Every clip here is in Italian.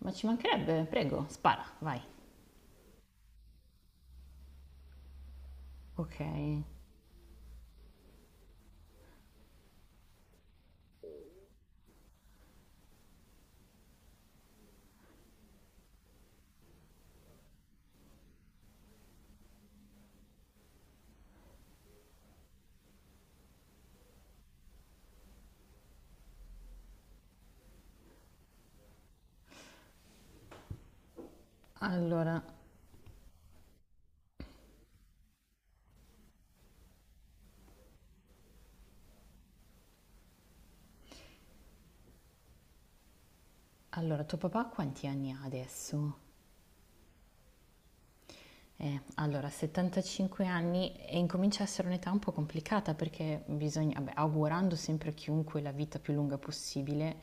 Ma ci mancherebbe, prego, spara, vai. Ok, allora, allora, tuo papà quanti anni ha adesso? Allora, 75 anni e incomincia a essere un'età un po' complicata perché bisogna, vabbè, augurando sempre a chiunque la vita più lunga possibile,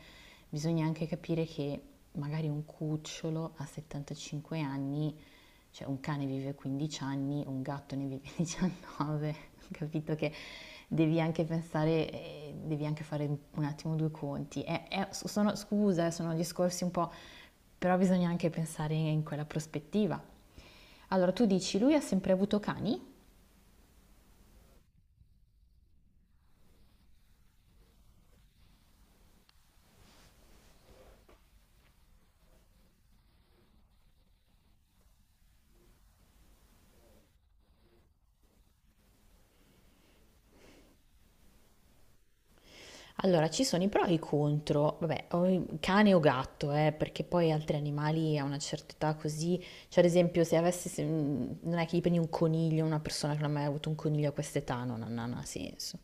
bisogna anche capire che magari un cucciolo a 75 anni, cioè un cane vive 15 anni, un gatto ne vive 19, capito che devi anche pensare, devi anche fare un attimo due conti. Sono, scusa, sono discorsi un po', però bisogna anche pensare in quella prospettiva. Allora tu dici, lui ha sempre avuto cani? Allora, ci sono i pro e i contro, vabbè, o cane o gatto, perché poi altri animali a una certa età così, cioè ad esempio se avessi, non è che gli prendi un coniglio, una persona che non ha mai avuto un coniglio a quest'età, non ha senso.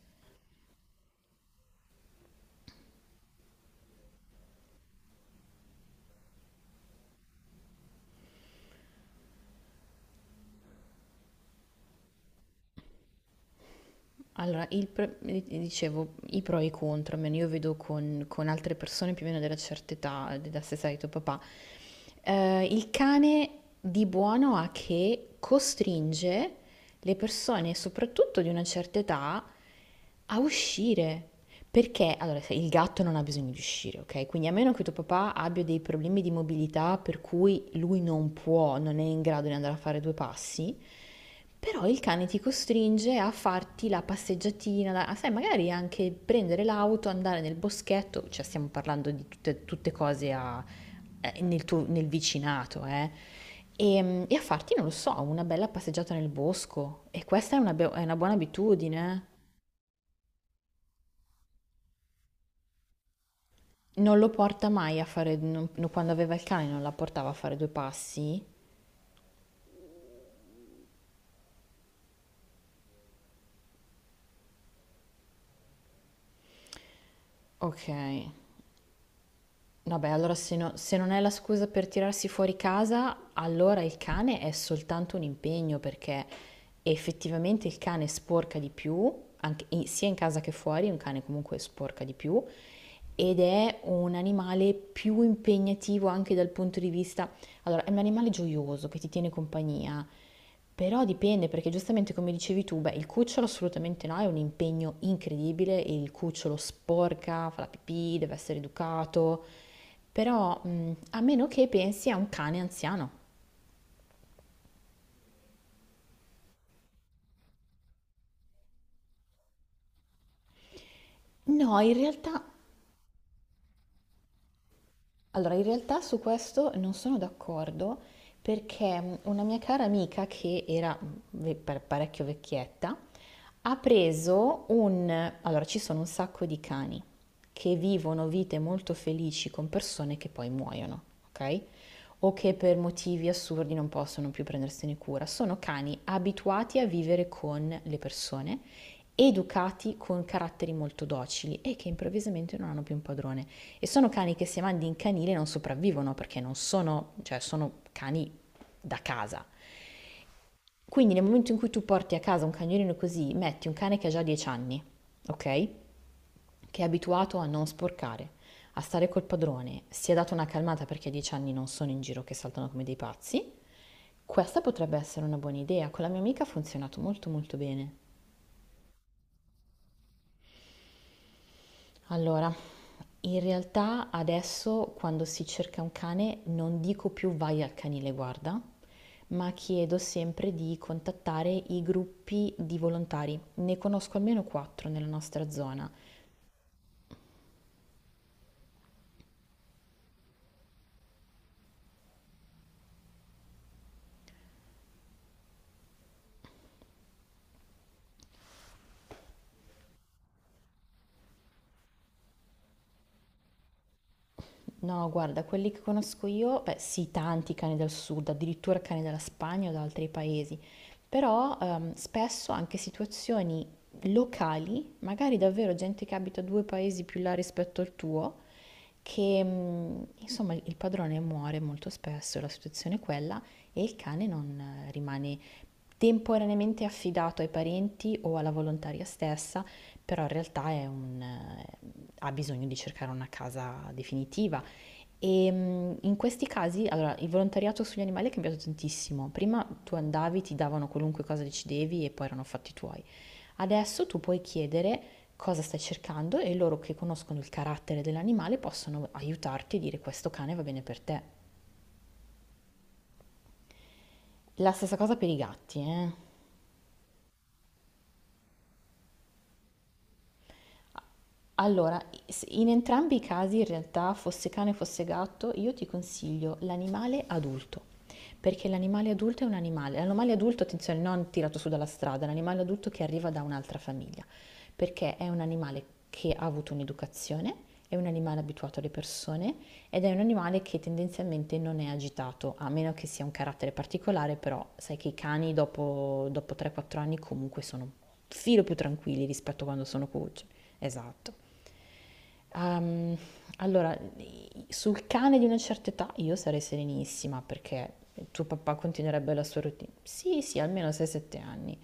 Allora, dicevo, i pro e i contro, almeno io vedo con altre persone più o meno della certa età, della stessa età di tuo papà. Il cane di buono ha che costringe le persone, soprattutto di una certa età, a uscire. Perché, allora, il gatto non ha bisogno di uscire, ok? Quindi a meno che tuo papà abbia dei problemi di mobilità per cui lui non può, non è in grado di andare a fare due passi, però il cane ti costringe a farti la passeggiatina, sai, magari anche prendere l'auto, andare nel boschetto, cioè stiamo parlando di tutte cose nel vicinato, eh? E, a farti, non lo so, una bella passeggiata nel bosco. E questa è una buona abitudine. Eh? Non lo porta mai a fare, no, quando aveva il cane non la portava a fare due passi. Ok. Vabbè, allora se non è la scusa per tirarsi fuori casa, allora il cane è soltanto un impegno perché effettivamente il cane sporca di più, anche sia in casa che fuori, un cane comunque sporca di più ed è un animale più impegnativo anche dal punto di vista. Allora, è un animale gioioso che ti tiene compagnia, però dipende perché giustamente come dicevi tu, beh, il cucciolo assolutamente no, è un impegno incredibile, e il cucciolo sporca, fa la pipì, deve essere educato, però a meno che pensi a un cane anziano. No, in realtà, allora, in realtà su questo non sono d'accordo perché una mia cara amica che era parecchio vecchietta, Allora, ci sono un sacco di cani che vivono vite molto felici con persone che poi muoiono, ok? O che per motivi assurdi non possono più prendersene cura. Sono cani abituati a vivere con le persone, educati con caratteri molto docili e che improvvisamente non hanno più un padrone. E sono cani che se mandi in canile non sopravvivono perché non sono, cioè sono cani da casa, quindi nel momento in cui tu porti a casa un cagnolino così, metti un cane che ha già 10 anni, ok? Che è abituato a non sporcare, a stare col padrone, si è dato una calmata perché a 10 anni non sono in giro che saltano come dei pazzi. Questa potrebbe essere una buona idea, con la mia amica ha funzionato molto molto bene. Allora, in realtà adesso quando si cerca un cane non dico più vai al canile guarda, ma chiedo sempre di contattare i gruppi di volontari. Ne conosco almeno quattro nella nostra zona. No, guarda, quelli che conosco io, beh, sì, tanti cani del sud, addirittura cani dalla Spagna o da altri paesi, però spesso anche situazioni locali, magari davvero gente che abita due paesi più là rispetto al tuo, che insomma il padrone muore molto spesso, la situazione è quella, e il cane non rimane temporaneamente affidato ai parenti o alla volontaria stessa, però in realtà ha bisogno di cercare una casa definitiva. E in questi casi, allora, il volontariato sugli animali è cambiato tantissimo. Prima tu andavi, ti davano qualunque cosa decidevi e poi erano fatti tuoi. Adesso tu puoi chiedere cosa stai cercando e loro che conoscono il carattere dell'animale possono aiutarti e dire questo cane va bene per te. La stessa cosa per i gatti, eh. Allora, s in entrambi i casi in realtà, fosse cane fosse gatto, io ti consiglio l'animale adulto, perché l'animale adulto è un animale, l'animale adulto, attenzione, non tirato su dalla strada, l'animale adulto che arriva da un'altra famiglia, perché è un animale che ha avuto un'educazione, è un animale abituato alle persone ed è un animale che tendenzialmente non è agitato, a meno che sia un carattere particolare, però sai che i cani dopo 3-4 anni comunque sono un filo più tranquilli rispetto a quando sono cuccioli. Esatto. Ehm, allora, sul cane di una certa età io sarei serenissima perché tuo papà continuerebbe la sua routine. Sì, sì, almeno 6-7 anni.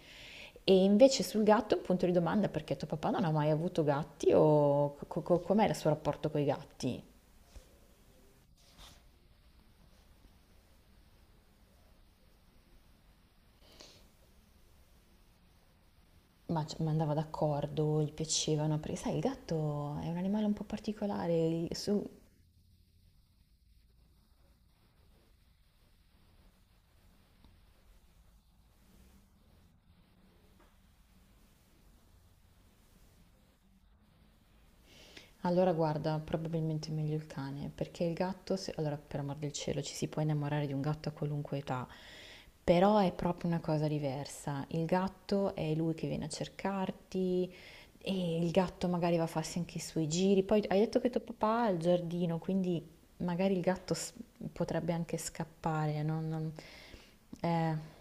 E invece sul gatto è un punto di domanda perché tuo papà non ha mai avuto gatti o com'è il suo rapporto con i gatti? Ma andava d'accordo, gli piacevano, perché sai, il gatto è un animale un po' particolare. Allora guarda, probabilmente è meglio il cane, perché il gatto, allora per amor del cielo, ci si può innamorare di un gatto a qualunque età, però è proprio una cosa diversa. Il gatto è lui che viene a cercarti e il gatto magari va a farsi anche i suoi giri. Poi hai detto che tuo papà ha il giardino, quindi magari il gatto potrebbe anche scappare. Eh.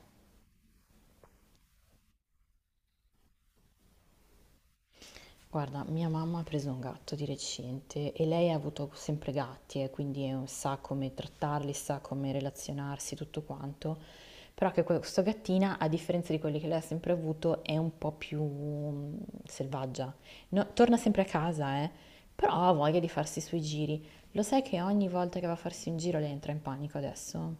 Guarda, mia mamma ha preso un gatto di recente e lei ha avuto sempre gatti, e quindi sa come trattarli, sa come relazionarsi, tutto quanto. Però che questa gattina, a differenza di quelli che lei ha sempre avuto, è un po' più selvaggia. Torna sempre a casa, però ha voglia di farsi i suoi giri. Lo sai che ogni volta che va a farsi un giro lei entra in panico adesso?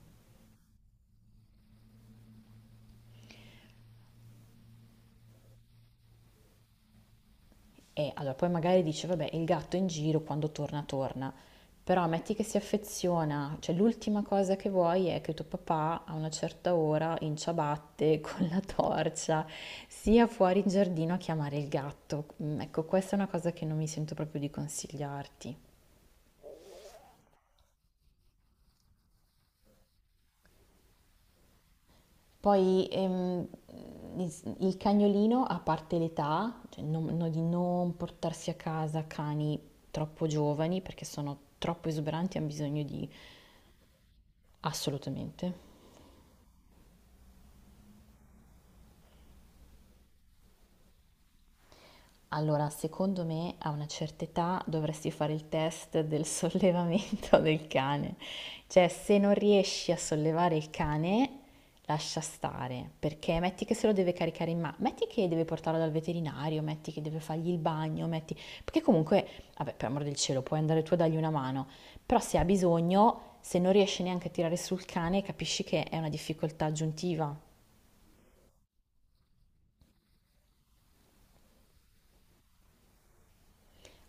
E allora poi magari dice, vabbè, il gatto in giro quando torna, torna. Però metti che si affeziona, cioè l'ultima cosa che vuoi è che tuo papà a una certa ora in ciabatte con la torcia sia fuori in giardino a chiamare il gatto. Ecco, questa è una cosa che non mi sento proprio di consigliarti. Poi il cagnolino, a parte l'età, cioè di non portarsi a casa cani troppo giovani perché sono troppo esuberanti, hanno bisogno di assolutamente. Allora, secondo me a una certa età dovresti fare il test del sollevamento del cane. Cioè, se non riesci a sollevare il cane, lascia stare, perché metti che se lo deve caricare in mano, metti che deve portarlo dal veterinario, metti che deve fargli il bagno, metti. Perché comunque, vabbè, per amor del cielo, puoi andare tu a dargli una mano, però se ha bisogno, se non riesci neanche a tirare sul cane, capisci che è una difficoltà aggiuntiva.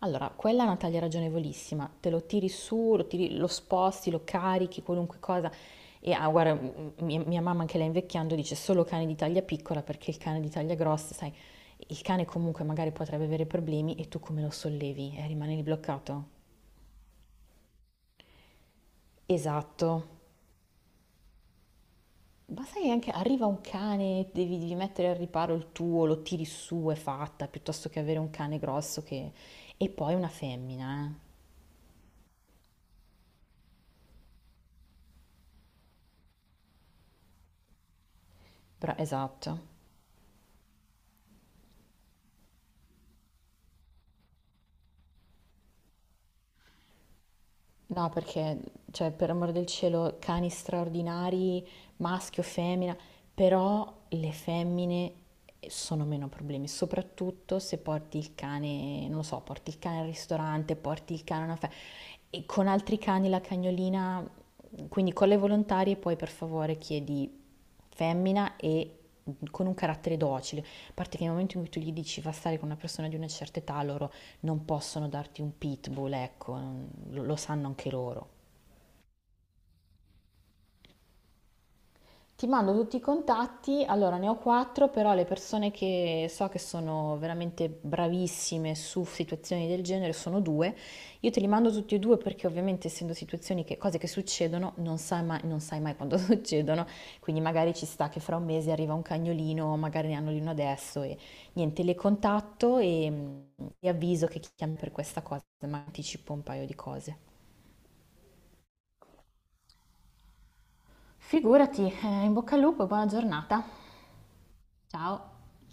Allora, quella è una taglia ragionevolissima, te lo tiri su, lo sposti, lo carichi, qualunque cosa. E ah, guarda, mia mamma anche lei invecchiando dice solo cane di taglia piccola perché il cane di taglia grossa, sai, il cane comunque magari potrebbe avere problemi e tu come lo sollevi? Rimane lì bloccato? Esatto. Ma sai che anche arriva un cane, devi mettere al riparo il tuo, lo tiri su, è fatta, piuttosto che avere un cane grosso che. E poi una femmina, eh. Però esatto. No, perché, cioè, per amor del cielo, cani straordinari, maschio, femmina, però le femmine sono meno problemi, soprattutto se porti il cane, non lo so, porti il cane al ristorante, porti il cane a una festa, e con altri cani la cagnolina, quindi con le volontarie poi per favore chiedi femmina e con un carattere docile, a parte che nel momento in cui tu gli dici va a stare con una persona di una certa età, loro non possono darti un pitbull, ecco, lo sanno anche loro. Ti mando tutti i contatti, allora ne ho quattro, però le persone che so che sono veramente bravissime su situazioni del genere sono due. Io te li mando tutti e due perché ovviamente essendo situazioni che, cose che succedono, non sai mai quando succedono, quindi magari ci sta che fra un mese arriva un cagnolino, magari ne hanno uno adesso e niente, le contatto e avviso che chiami per questa cosa, ma anticipo un paio di cose. Figurati, in bocca al lupo e buona giornata. Ciao.